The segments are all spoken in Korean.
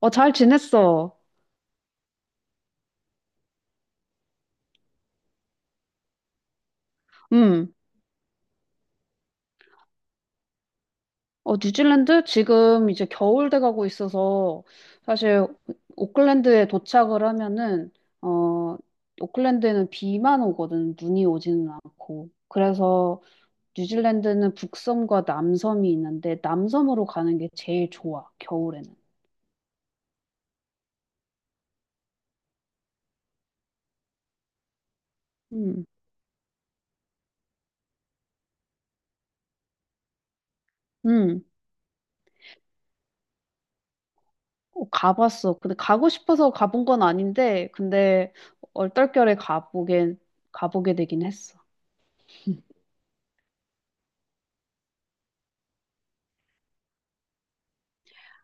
어, 잘 지냈어. 음. 어, 뉴질랜드? 지금 이제 겨울 돼가고 있어서 사실 오클랜드에 도착을 하면은, 어, 오클랜드에는 비만 오거든. 눈이 오지는 않고. 그래서 뉴질랜드는 북섬과 남섬이 있는데 남섬으로 가는 게 제일 좋아, 겨울에는. 음. 음. 어, 가봤어. 근데 가고 싶어서 가본 건 아닌데, 근데 얼떨결에 가보게 되긴 했어.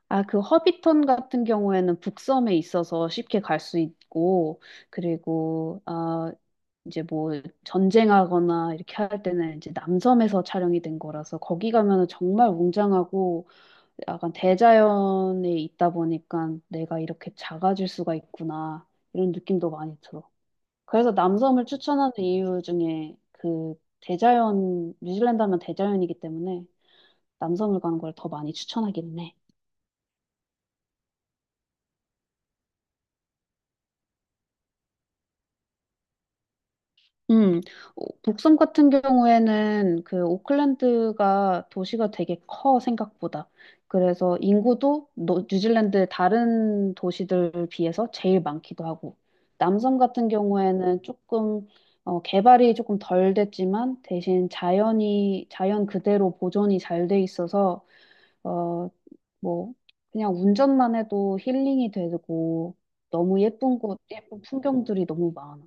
아, 그 허비턴 같은 경우에는 북섬에 있어서 쉽게 갈 수 있고, 그리고, 이제 뭐 전쟁하거나 이렇게 할 때는 이제 남섬에서 촬영이 된 거라서 거기 가면은 정말 웅장하고 약간 대자연에 있다 보니까 내가 이렇게 작아질 수가 있구나 이런 느낌도 많이 들어. 그래서 남섬을 추천하는 이유 중에 그 대자연, 뉴질랜드 하면 대자연이기 때문에 남섬을 가는 걸 더 많이 추천하기는 해. 음, 북섬 같은 경우에는 그 오클랜드가 도시가 되게 커 생각보다. 그래서 인구도 뉴질랜드 다른 도시들 비해서 제일 많기도 하고. 남섬 같은 경우에는 조금 개발이 조금 덜 됐지만 대신 자연이 자연 그대로 보존이 잘 돼 있어서 어, 뭐 그냥 운전만 해도 힐링이 되고 너무 예쁜 곳, 예쁜 풍경들이 너무 많아.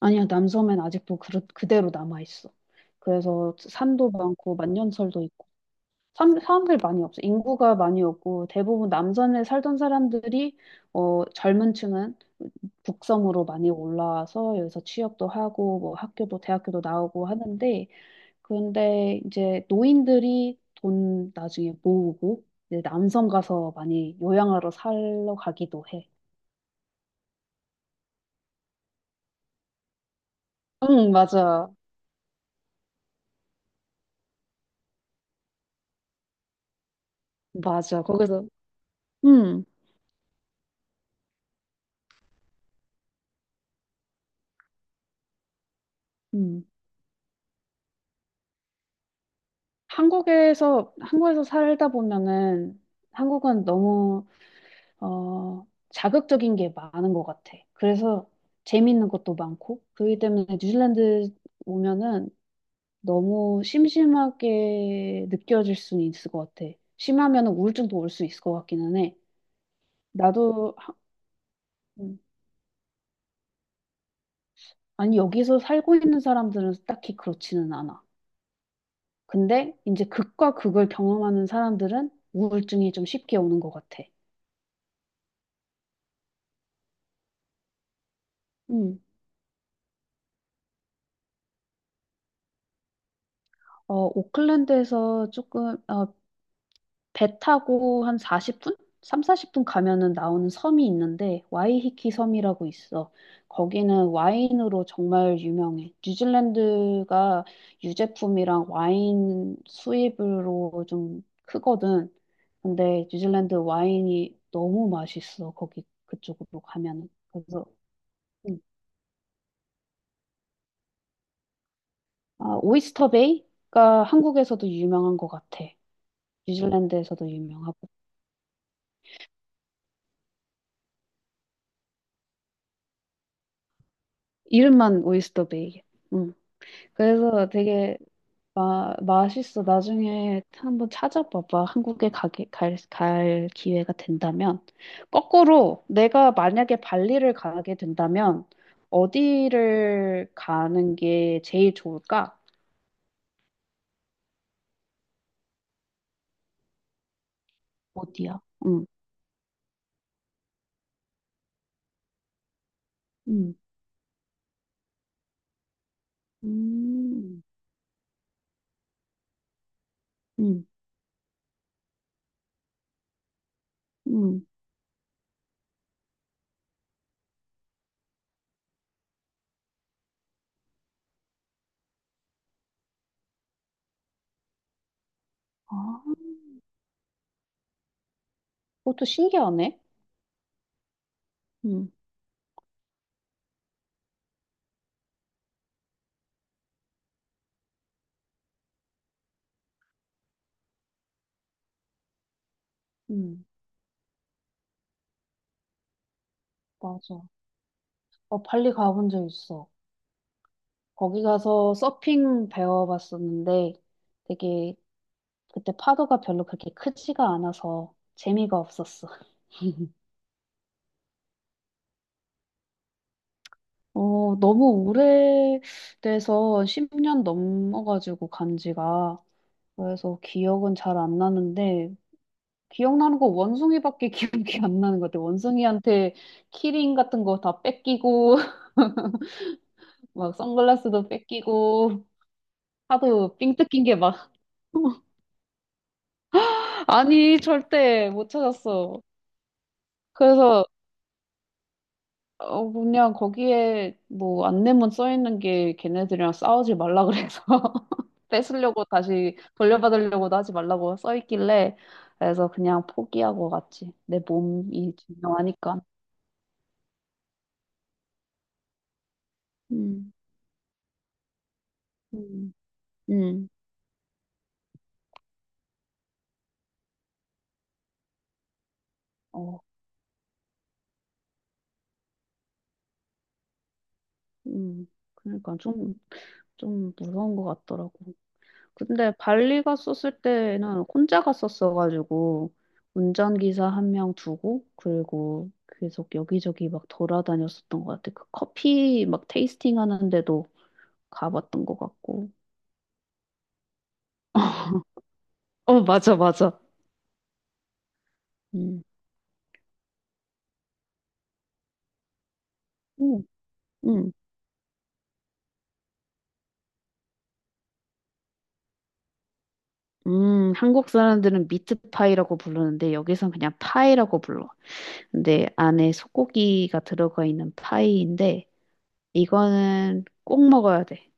아니야, 남섬엔 아직도 그대로 남아있어. 그래서 산도 많고 만년설도 있고 사람들 많이 없어. 인구가 많이 없고 대부분 남섬에 살던 사람들이 젊은 층은 북섬으로 많이 올라와서 여기서 취업도 하고 뭐 학교도 대학교도 나오고 하는데 근데 이제 노인들이 돈 나중에 모으고 이제 남섬 가서 많이 요양하러 살러 가기도 해. 응, 맞아. 맞아. 거기서. 응응. 한국에서 살다 보면은 한국은 너무 자극적인 게 많은 것 같아. 그래서 재밌는 것도 많고 그렇기 때문에 뉴질랜드 오면은 너무 심심하게 느껴질 수는 있을 것 같아. 심하면 우울증도 올 수 있을 것 같기는 해. 나도 하- 음, 아니 여기서 살고 있는 사람들은 딱히 그렇지는 않아. 근데 이제 극과 극을 경험하는 사람들은 우울증이 좀 쉽게 오는 것 같아. 음. 오클랜드에서 조금, 배 타고 한 40분? 3, 40분 가면은 나오는 섬이 있는데, 와이히키 섬이라고 있어. 거기는 와인으로 정말 유명해. 뉴질랜드가 유제품이랑 와인 수입으로 좀 크거든. 근데 뉴질랜드 와인이 너무 맛있어. 거기 그쪽으로 가면은. 그래서, 음. 아, 오이스터 베이가 한국에서도 유명한 것 같아. 뉴질랜드에서도 유명하고. 이름만 오이스터베이. 응. 그래서 되게 맛있어. 나중에 한번 찾아봐봐. 한국에 갈 기회가 된다면. 거꾸로 내가 만약에 발리를 가게 된다면 어디를 가는 게 제일 좋을까? 어디야? 응. 응. 음. 응. 응. 아, 그것도 신기하네. 응. 응. 맞아. 발리 가본 적 있어. 거기 가서 서핑 배워봤었는데 되게 그때 파도가 별로 그렇게 크지가 않아서 재미가 없었어. 너무 오래돼서 10년 넘어가지고 간 지가. 그래서 기억은 잘 안 나는데 기억나는 거 원숭이밖에 기억이 안 나는 것 같아. 원숭이한테 키링 같은 거 다 뺏기고 막 선글라스도 뺏기고 하도 삥 뜯긴 게 막. 아니 절대 못 찾았어. 그래서 그냥 거기에 뭐 안내문 써 있는 게 걔네들이랑 싸우지 말라 그래서 뺏으려고 다시 돌려받으려고도 하지 말라고 써 있길래 그래서 그냥 포기하고 갔지. 내 몸이 중요하니까. 음, 음, 음, 어, 음. 그러니까 좀 무서운 것 같더라고. 근데 발리 갔었을 때는 혼자 갔었어가지고 운전기사 한 명 두고 그리고 계속 여기저기 막 돌아다녔었던 것 같아. 그 커피 막 테이스팅 하는데도 가봤던 것 같고. 어, 맞아, 맞아. 음, 음, 음. 한국 사람들은 미트파이라고 부르는데 여기선 그냥 파이라고 불러. 근데 안에 소고기가 들어가 있는 파이인데 이거는 꼭 먹어야 돼.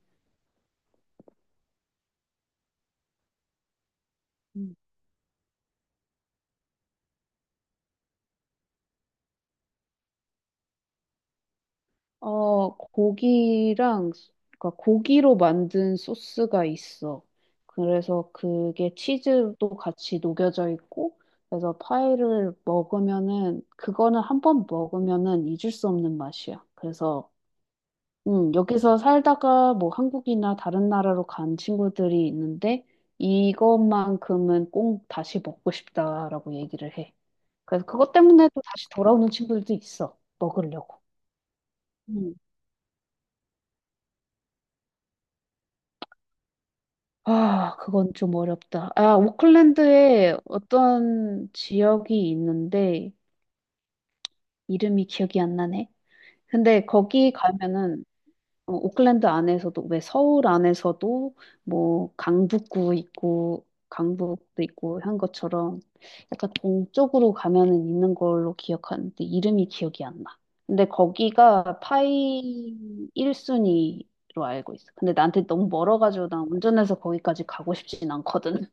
음. 고기랑, 그러니까 고기로 만든 소스가 있어. 그래서 그게 치즈도 같이 녹여져 있고, 그래서 파이를 먹으면은, 그거는 한 번 먹으면은 잊을 수 없는 맛이야. 그래서, 여기서 살다가 뭐 한국이나 다른 나라로 간 친구들이 있는데, 이것만큼은 꼭 다시 먹고 싶다라고 얘기를 해. 그래서 그것 때문에 또 다시 돌아오는 친구들도 있어. 먹으려고. 아, 그건 좀 어렵다. 아, 오클랜드에 어떤 지역이 있는데 이름이 기억이 안 나네. 근데 거기 가면은 오클랜드 안에서도 왜 서울 안에서도 뭐 강북구 있고 강북도 있고 한 것처럼 약간 동쪽으로 가면은 있는 걸로 기억하는데 이름이 기억이 안 나. 근데 거기가 파이 1순위로 알고 있어. 근데 나한테 너무 멀어가지고 난 운전해서 거기까지 가고 싶진 않거든.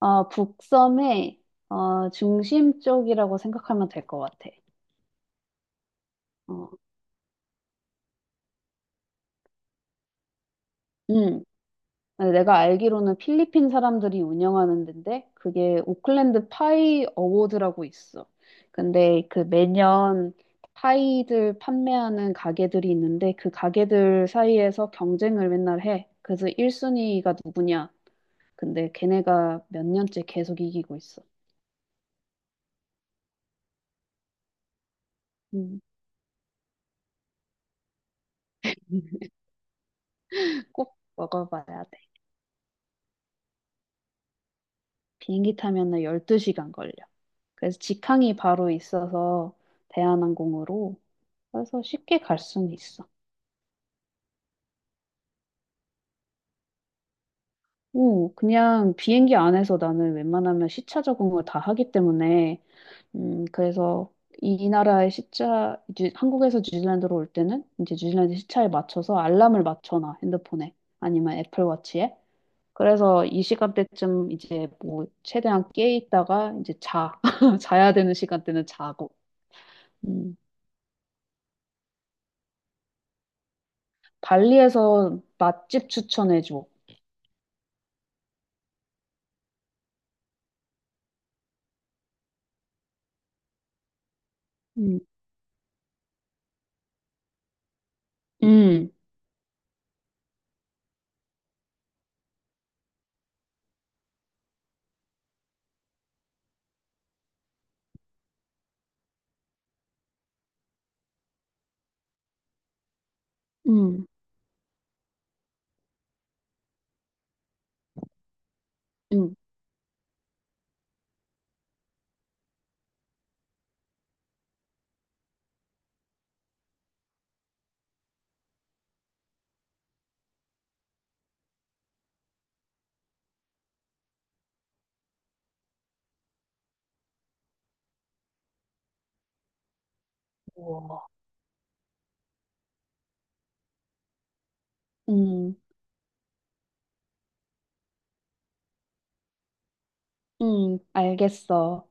북섬의 중심 쪽이라고 생각하면 될 것 같아. 어, 음. 네, 내가 알기로는 필리핀 사람들이 운영하는 데인데 그게 오클랜드 파이 어워드라고 있어. 근데 그 매년 파이들 판매하는 가게들이 있는데 그 가게들 사이에서 경쟁을 맨날 해. 그래서 1순위가 누구냐? 근데 걔네가 몇 년째 계속 이기고 있어. 음. 꼭 먹어봐야 돼. 비행기 타면은 12시간 걸려. 그래서 직항이 바로 있어서 대한항공으로 그래서 쉽게 갈 수는 있어. 오, 그냥 비행기 안에서 나는 웬만하면 시차 적응을 다 하기 때문에 그래서 이 나라의 시차, 한국에서 뉴질랜드로 올 때는 이제 뉴질랜드 시차에 맞춰서 알람을 맞춰놔, 핸드폰에. 아니면 애플워치에. 그래서 이 시간대쯤 이제 뭐 최대한 깨 있다가 이제 자. 자야 되는 시간대는 자고. 음, 발리에서 맛집 추천해줘. 음, 음, 음, 음, 우와. 음, 알겠어.